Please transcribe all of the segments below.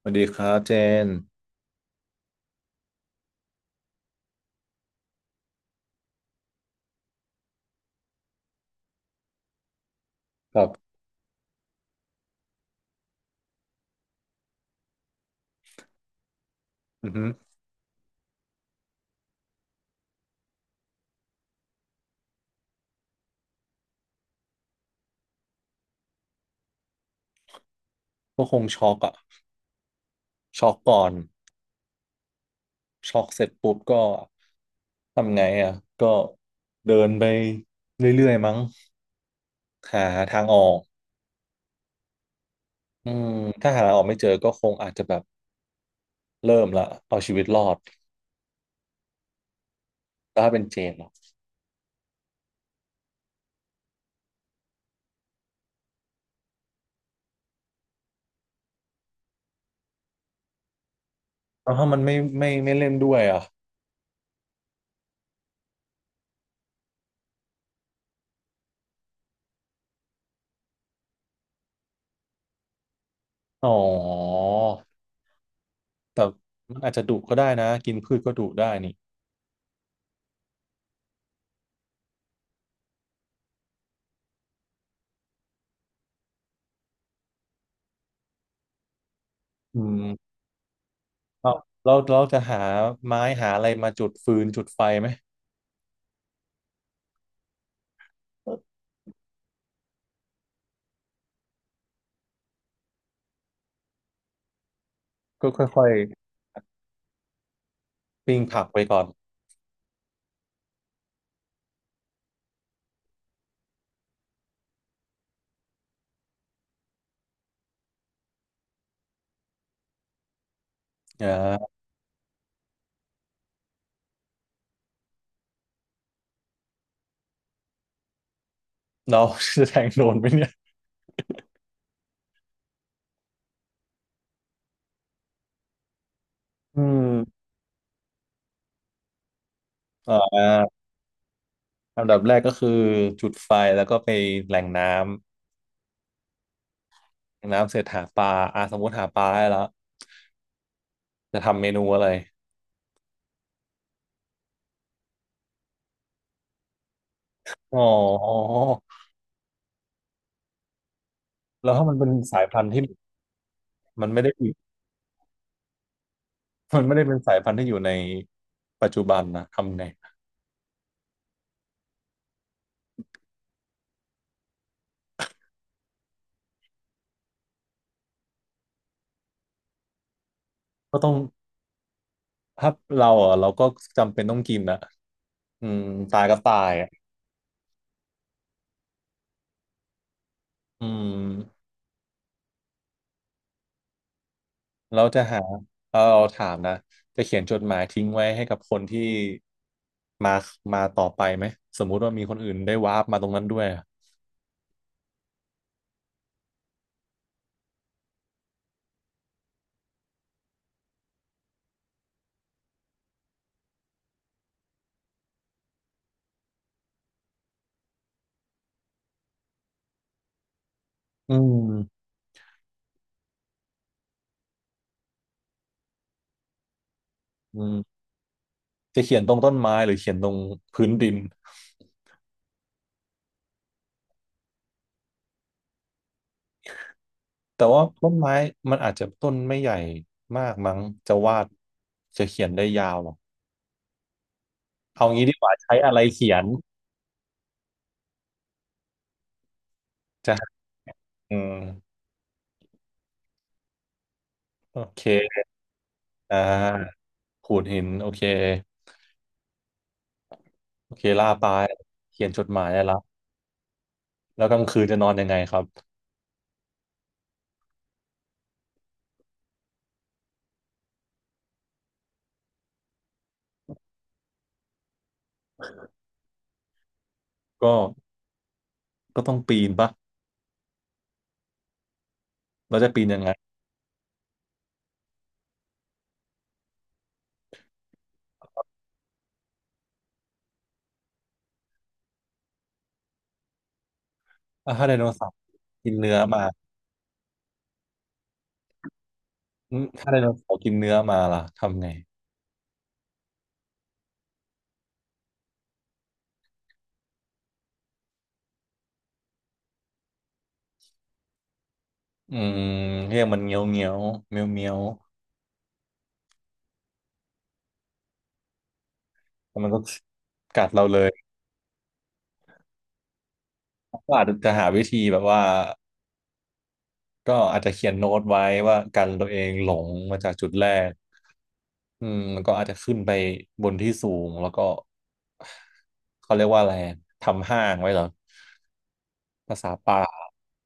สวัสดีครับเจนครับอือฮึก็คงช็อกอะช็อกก่อนช็อกเสร็จปุ๊บก็ทำไงอะก็เดินไปเรื่อยๆมั้งหาทางออกอืมถ้าหาทางออกไม่เจอก็คงอาจจะแบบเริ่มละเอาชีวิตรอดแล้วถ้าเป็นเจนล่ะแล้วถ้ามันไม่เล่นด้วยอะอ๋อแต่มันอาจจะดุก็ได้นะกินพืชก็ดุได้นี่อืมเราเราจะหาไม้หาอะไรมาจุดฟืนจุดไฟไหมก็ค่อย ปิ้งผักไปก่อนอ่าเราจะแทงโดนไหมเนี่ยอืมอ่าอันดับแรกก็คือจุดไฟแล้วก็ไปแหล่งน้ำแหล่งน้ำเสร็จหาปลาอ่าสมมติหาปลาได้แล้วจะทำเมนูอะไรอ๋อแล้วถ้ามันเป็นสายพันธุ์ที่มันไม่ได้อยู่มันไม่ได้เป็นสายพันธุ์ที่อยู่ในปัจจุบันนะทำไงก็ต้องถ้าเราอ่ะเราก็จำเป็นต้องกินอ่ะอืมตายก็ตายอ่ะอืม เราจะหาเราถามนะจะเขียนจดหมายทิ้งไว้ให้กับคนที่มาต่อไปไหมสมมุติว่ามีคนอื่นได้วาร์ปมาตรงนั้นด้วยอะอืมอืมจะเขียนตรงต้นไม้หรือเขียนตรงพื้นดินแต่ว่าต้นไม้มันอาจจะต้นไม่ใหญ่มากมั้งจะวาดจะเขียนได้ยาวอะเอางี้ดีกว่าใช้อะไรเขียนจะอืมโอเคอ่าขูดหินโอเคโอเคล่าปลาเขียนจดหมายได้และแล้วกลางคืนจะนอนยังไงครับก็ ก็ต้องปีนปะเราจะปีนยังไงอ่ะถ้าไดโนเสาร์กินเนื้อมาอืมถ้าไดโนเสาร์กินเนื้อมาล่ะ ทำไง อืมเรียกมันเงี้ยวเงี้ยวเมียวเมียวแล้วมันก็กัดเราเลยก็อาจจะหาวิธีแบบว่าก็อาจจะเขียนโน้ตไว้ว่ากันตัวเองหลงมาจากจุดแรกอืมมันก็อาจจะขึ้นไปบนที่สูงแล้วก็เขาเรียกว่าอะไรทำห้างไว้เหรอภาษาป่า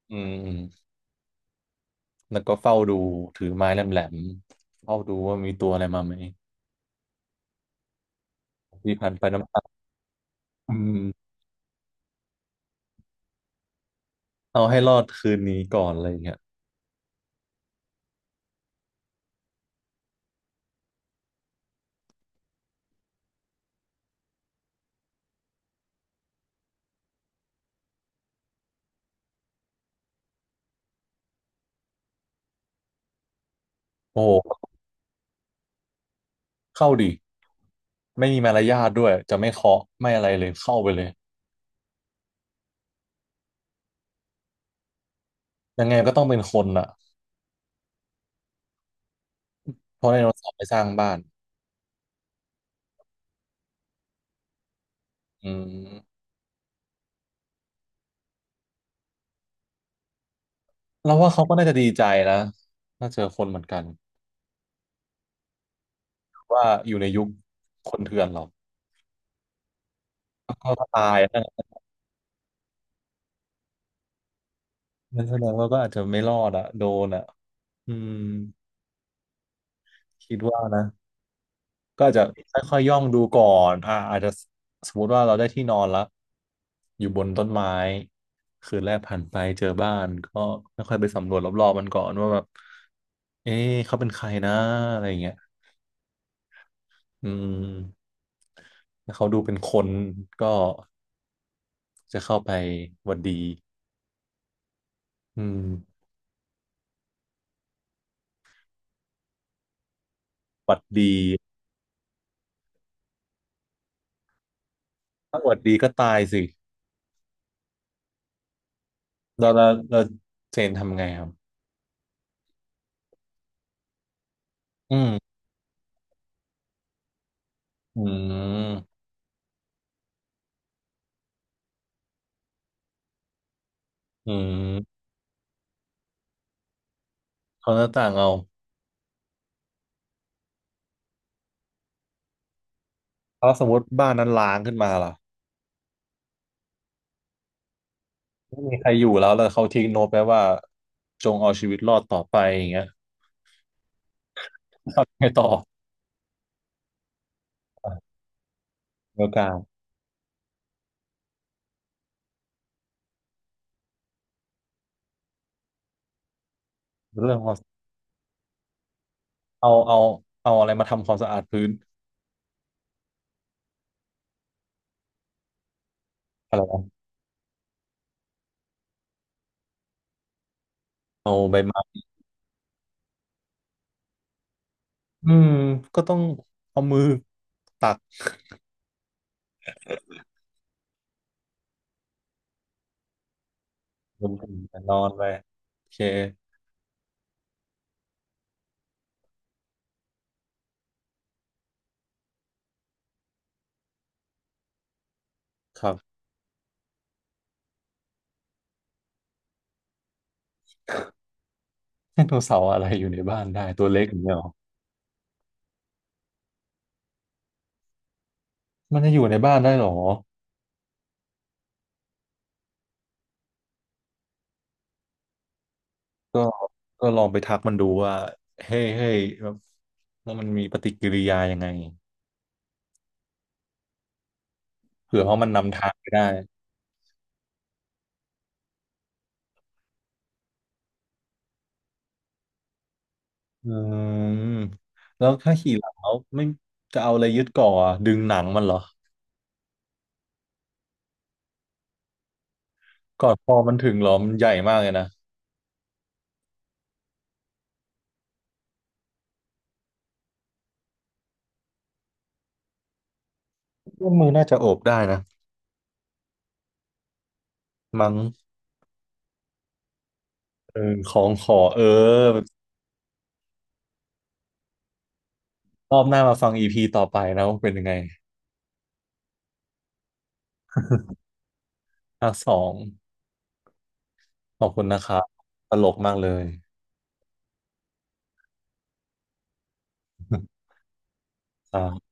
อืม แล้วก็เฝ้าดูถือไม้แหลมๆเฝ้าดูว่ามีตัวอะไรมาไหมที่พันไปน้ำตาอืมเอาให้รอดคืนนี้ก่อนอะไรอย่างเงี้ยโอ้โหเข้าดิไม่มีมารยาทด้วยจะไม่เคาะไม่อะไรเลยเข้าไปเลยยังไงก็ต้องเป็นคนอ่ะเพราะไดโนเสาร์ไปสร้างบ้านอืมเราว่าเขาก็น่าจะดีใจนะถ้าเจอคนเหมือนกันว่าอยู่ในยุคคนเถื่อนหรอกก็ตายนะนั่นแสดงว่าก็อาจจะไม่รอดอ่ะโดนอ่ะอืมคิดว่านะ ก็อาจจะค่อยๆย่องดูก่อนอ่าอาจจะสมมติว่าเราได้ที่นอนแล้วอยู่บนต้นไม้คืนแรกผ่านไปเจอบ้านก็ค่อยๆไปสำรวจรอบๆมันก่อนว่าแบบเอ๊ะเขาเป็นใครนะอะไรอย่างเงี้ยอืมถ้าเขาดูเป็นคนก็จะเข้าไปหวัดดีอืมหวัดดีถ้าหวัดดีก็ตายสิเราเราเราเจนทำไงครับอืมอืมอืมเขาหน้าต่างเอาแล้วสมมติบ้านนั้นล้างขึ้นมาล่ะ ไม่มีใครอยู่แล้วแล้วเขาทิ้งโน้ตไปว่าจงเอาชีวิตรอดต่อไปอย่างเงี้ยทำยังไงต่อเรื่องการเรื่องความเอาเอาเอาอะไรมาทำความสะอาดพื้นอะไรวะเอาใบไม้อืมก็ต้องเอามือตักลงถึงแต่นอนไปโอเคครับไดโนเสาร์อะไรอยู่ในบ้านได้ตัวเล็กอย่างเงี้ยหรอมันจะอยู่ในบ้านได้หรอก็ก็ลองไปทักมันดูว่าเฮ้ยเฮ้ยแบบแล้ว่ามันมีปฏิกิริยายังไงเผื่อว่าะมันนำทางไปได้ อืมแล้วถ้าขี่หลังแล้วไม่จะเอาอะไรยึดก่ออะดึงหนังมันเหรอก่อนคอมันถึงเหรอมันใหญ่มากเลยนะว่ามือน่าจะโอบได้นะมั้งเออของขอเออรอบหน้ามาฟังอีพีต่อไปนะว่าเป็นยังไง ภาคสองขอบคุณนะครับตลกมากเลย ครับ